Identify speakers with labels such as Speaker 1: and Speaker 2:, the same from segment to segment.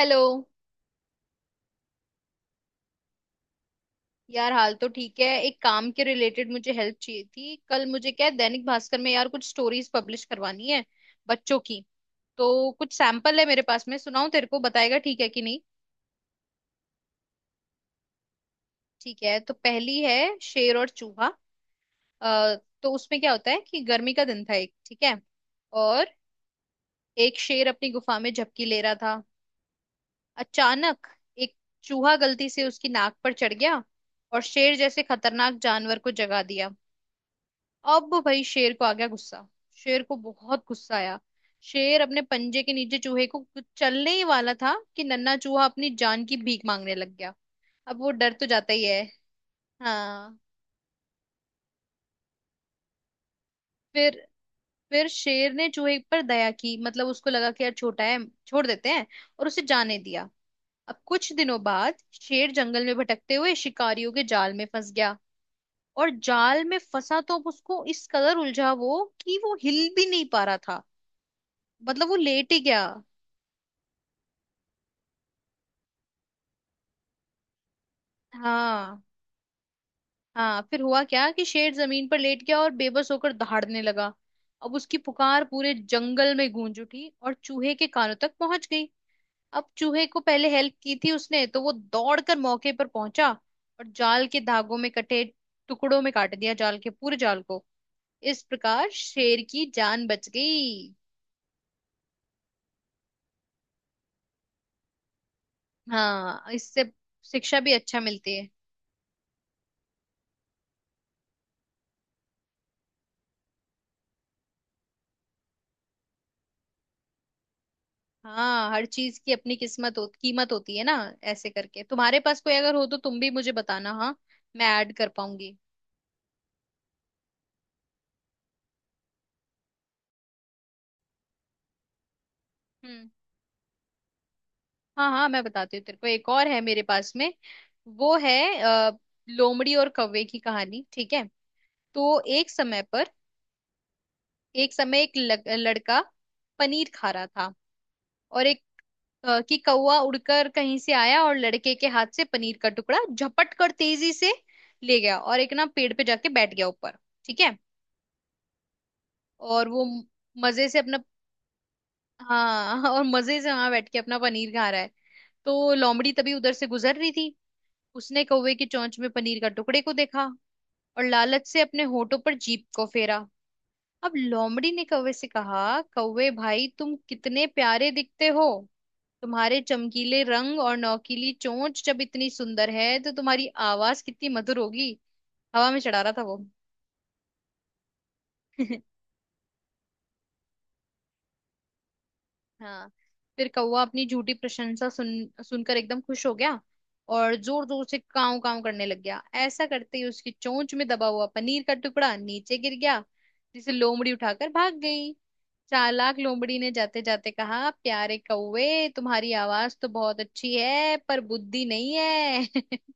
Speaker 1: Hello. यार हाल तो ठीक है। एक काम के रिलेटेड मुझे हेल्प चाहिए थी। कल मुझे क्या है, दैनिक भास्कर में यार कुछ स्टोरीज पब्लिश करवानी है बच्चों की। तो कुछ सैंपल है मेरे पास में, सुनाऊं? तेरे को बताएगा ठीक है कि नहीं। ठीक है, तो पहली है शेर और चूहा। अ, तो उसमें क्या होता है कि गर्मी का दिन था एक, ठीक है। और एक शेर अपनी गुफा में झपकी ले रहा था। अचानक एक चूहा गलती से उसकी नाक पर चढ़ गया और शेर जैसे खतरनाक जानवर को जगा दिया। अब भाई शेर को आ गया गुस्सा। शेर को बहुत गुस्सा आया। शेर अपने पंजे के नीचे चूहे को कुछ चलने ही वाला था कि नन्हा चूहा अपनी जान की भीख मांगने लग गया। अब वो डर तो जाता ही है। हाँ। फिर फिर शेर ने चूहे पर दया की, मतलब उसको लगा कि यार छोटा है, छोड़ देते हैं, और उसे जाने दिया। अब कुछ दिनों बाद शेर जंगल में भटकते हुए शिकारियों के जाल में फंस गया। और जाल में फंसा तो अब उसको इस कदर उलझा वो कि वो हिल भी नहीं पा रहा था, मतलब वो लेट ही गया। हाँ। हाँ, फिर हुआ क्या कि शेर जमीन पर लेट गया और बेबस होकर दहाड़ने लगा। अब उसकी पुकार पूरे जंगल में गूंज उठी और चूहे के कानों तक पहुंच गई। अब चूहे को पहले हेल्प की थी उसने तो वो दौड़कर मौके पर पहुंचा। और जाल के धागों में कटे टुकड़ों में काट दिया, जाल के पूरे जाल को। इस प्रकार शेर की जान बच गई। हाँ, इससे शिक्षा भी अच्छा मिलती है। हाँ, हर चीज की अपनी किस्मत हो, कीमत होती है ना। ऐसे करके तुम्हारे पास कोई अगर हो तो तुम भी मुझे बताना, हाँ। मैं ऐड कर पाऊंगी। हम्म। हाँ हाँ, मैं बताती हूँ तेरे को, एक और है मेरे पास में। वो है लोमड़ी और कौवे की कहानी, ठीक है। तो एक समय एक लड़का पनीर खा रहा था। और एक कि कौवा उड़कर कहीं से आया और लड़के के हाथ से पनीर का टुकड़ा झपट कर तेजी से ले गया और एक ना पेड़ पे जाके बैठ गया ऊपर। ठीक है। और वो मजे से अपना हाँ, और मजे से वहां बैठ के अपना पनीर खा रहा है। तो लोमड़ी तभी उधर से गुजर रही थी। उसने कौवे की चोंच में पनीर का टुकड़े को देखा और लालच से अपने होठों पर जीभ को फेरा। अब लोमड़ी ने कौवे से कहा, कौवे भाई तुम कितने प्यारे दिखते हो। तुम्हारे चमकीले रंग और नौकीली चोंच जब इतनी सुंदर है तो तुम्हारी आवाज कितनी मधुर होगी। हवा में चढ़ा रहा था वो। हाँ। फिर कौवा अपनी झूठी प्रशंसा सुनकर एकदम खुश हो गया। और जोर जोर से काव काव करने लग गया। ऐसा करते ही उसकी चोंच में दबा हुआ पनीर का टुकड़ा नीचे गिर गया जिसे लोमड़ी उठाकर भाग गई। चालाक लोमड़ी ने जाते जाते कहा, प्यारे कौवे तुम्हारी आवाज तो बहुत अच्छी है पर बुद्धि नहीं है।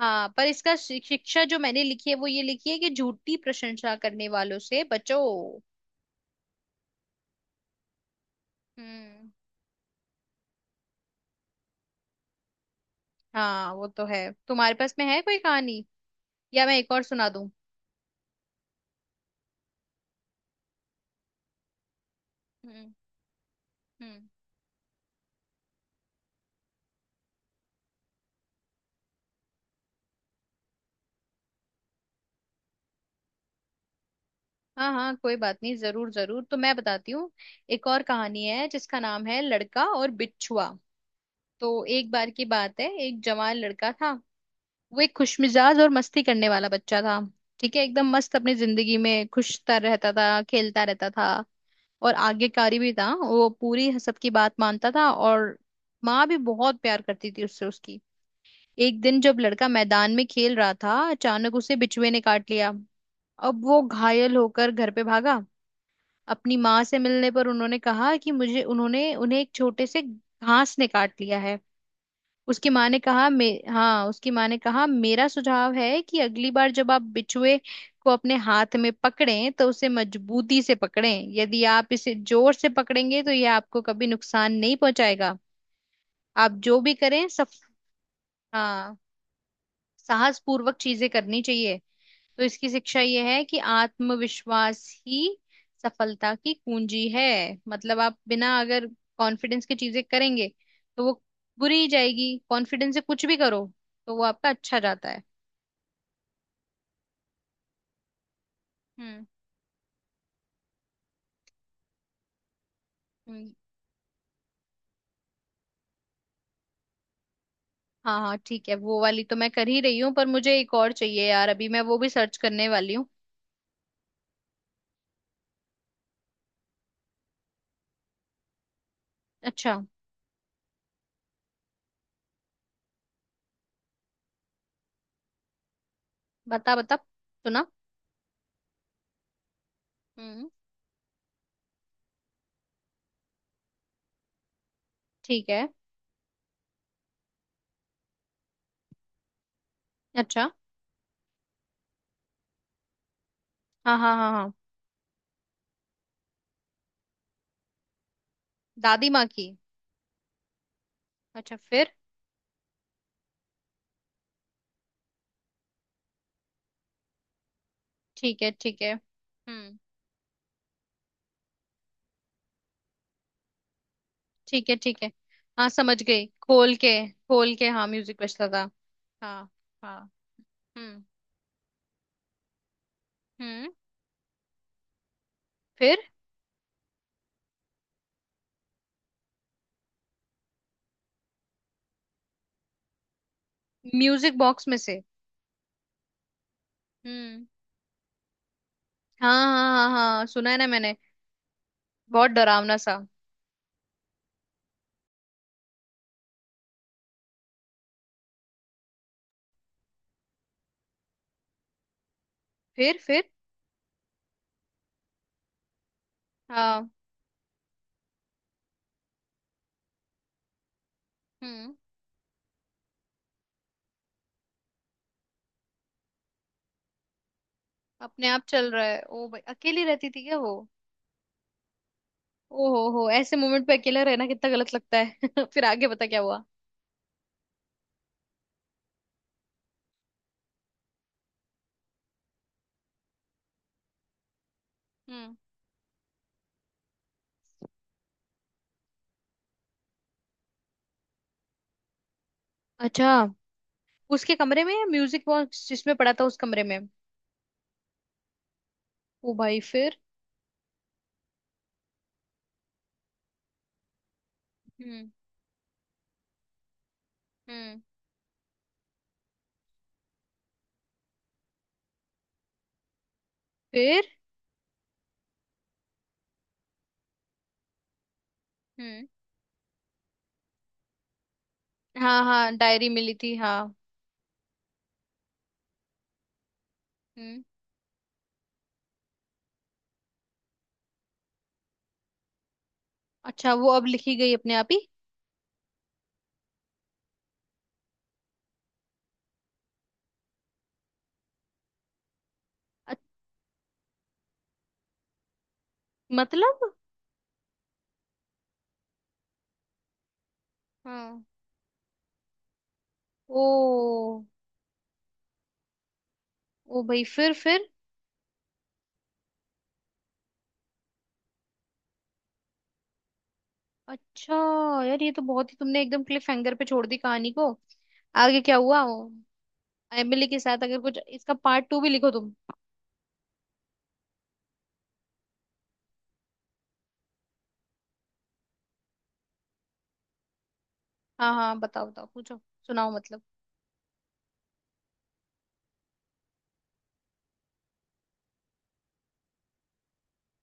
Speaker 1: हाँ, पर इसका शिक्षा जो मैंने लिखी है वो ये लिखी है कि झूठी प्रशंसा करने वालों से बचो। हम्म। हाँ वो तो है। तुम्हारे पास में है कोई कहानी या मैं एक और सुना दूं? हम्म। हम्म। हाँ हाँ, कोई बात नहीं, जरूर जरूर, तो मैं बताती हूँ। एक और कहानी है जिसका नाम है लड़का और बिच्छुआ। तो एक बार की बात है, एक जवान लड़का था। वो एक खुशमिजाज और मस्ती करने वाला बच्चा था। ठीक है, एकदम मस्त अपनी जिंदगी में खुशता रहता था, खेलता रहता था। और आज्ञाकारी भी था, वो पूरी सबकी बात मानता था। और माँ भी बहुत प्यार करती थी उससे, उसकी। एक दिन जब लड़का मैदान में खेल रहा था अचानक उसे बिच्छुए ने काट लिया। अब वो घायल होकर घर पे भागा। अपनी माँ से मिलने पर उन्होंने कहा कि मुझे उन्होंने उन्हें एक छोटे से घास ने काट लिया है। उसकी माँ ने कहा, मेरा सुझाव है कि अगली बार जब आप बिच्छुए को अपने हाथ में पकड़ें तो उसे मजबूती से पकड़ें। यदि आप इसे जोर से पकड़ेंगे तो यह आपको कभी नुकसान नहीं पहुंचाएगा। आप जो भी करें सब, हाँ, साहस पूर्वक चीजें करनी चाहिए। तो इसकी शिक्षा ये है कि आत्मविश्वास ही सफलता की कुंजी है। मतलब आप बिना अगर कॉन्फिडेंस की चीजें करेंगे तो वो बुरी ही जाएगी। कॉन्फिडेंस से कुछ भी करो तो वो आपका अच्छा जाता है। हम्म। हम्म, हाँ हाँ, ठीक है। वो वाली तो मैं कर ही रही हूँ पर मुझे एक और चाहिए यार, अभी मैं वो भी सर्च करने वाली हूँ। अच्छा, बता बता सुना। हम्म। ठीक है। अच्छा। हाँ हाँ हाँ हाँ। दादी माँ की? अच्छा, फिर? ठीक है ठीक है। हम्म। ठीक है ठीक है। हाँ समझ गई, खोल के खोल के, हाँ म्यूजिक बजता था। हाँ। हाँ। हम्म। हम्म, फिर? म्यूजिक बॉक्स में से? हम्म। हाँ हाँ हाँ। हाँ, सुना है ना मैंने। बहुत डरावना सा। फिर? फिर? हाँ। हम्म। अपने आप चल रहा है? ओ भाई, अकेली रहती थी क्या वो? ओ हो, ऐसे मोमेंट पे अकेला रहना कितना गलत लगता है। फिर आगे बता क्या हुआ। हम्म। अच्छा, उसके कमरे में या म्यूजिक बॉक्स जिसमें पड़ा था उस कमरे में? ओ भाई फिर? हम्म। हम्म, फिर? हम्म। हाँ हाँ, डायरी मिली थी, हाँ। हम्म। अच्छा, वो अब लिखी गई अपने आप ही? अ- मतलब। हाँ। ओ। ओ भाई, फिर? अच्छा यार, ये तो बहुत ही तुमने एकदम क्लिफ हैंगर पे छोड़ दी कहानी को। आगे क्या हुआ वो एमिली के साथ, अगर कुछ इसका पार्ट 2 भी लिखो तुम। हाँ हाँ, बताओ बताओ, पूछो, सुनाओ मतलब।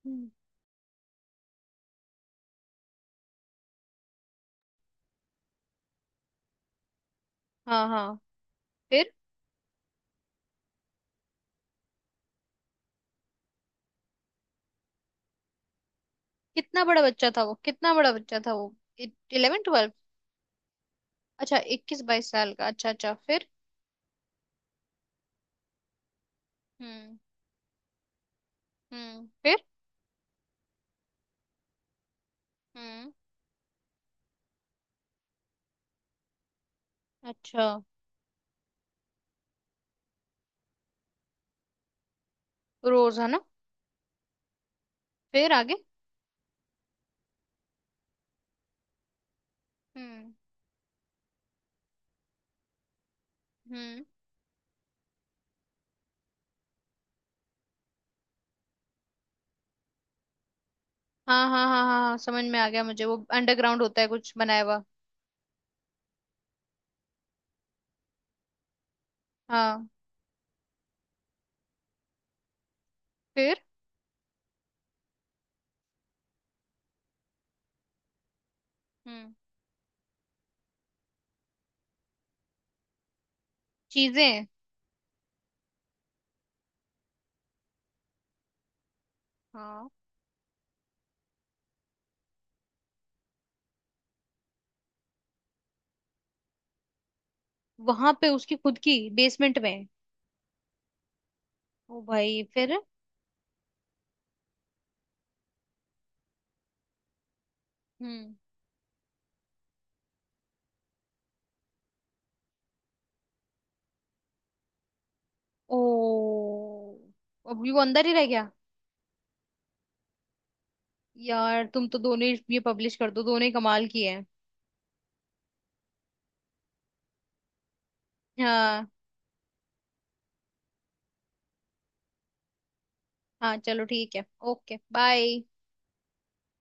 Speaker 1: हम्म। हाँ हाँ, फिर? कितना बड़ा बच्चा था वो? कितना बड़ा बच्चा था वो? 11 12? अच्छा, 21 22 साल का, अच्छा अच्छा, फिर? हम्म। हम्म, फिर? हम्म। अच्छा, रोज है ना? फिर आगे? हम्म। हम्म। हाँ हाँ हाँ हाँ हाँ, समझ में आ गया मुझे, वो अंडरग्राउंड होता है कुछ बनाया हुआ। हाँ, फिर? हम्म। चीजें। हाँ, वहां पे उसकी खुद की बेसमेंट में? ओ भाई फिर? हम्म। ओ, अब ये वो अंदर ही रह गया? यार तुम तो दोनों ही ये पब्लिश कर दो, दोनों ही कमाल की है। हाँ हाँ चलो, ठीक है, ओके बाय।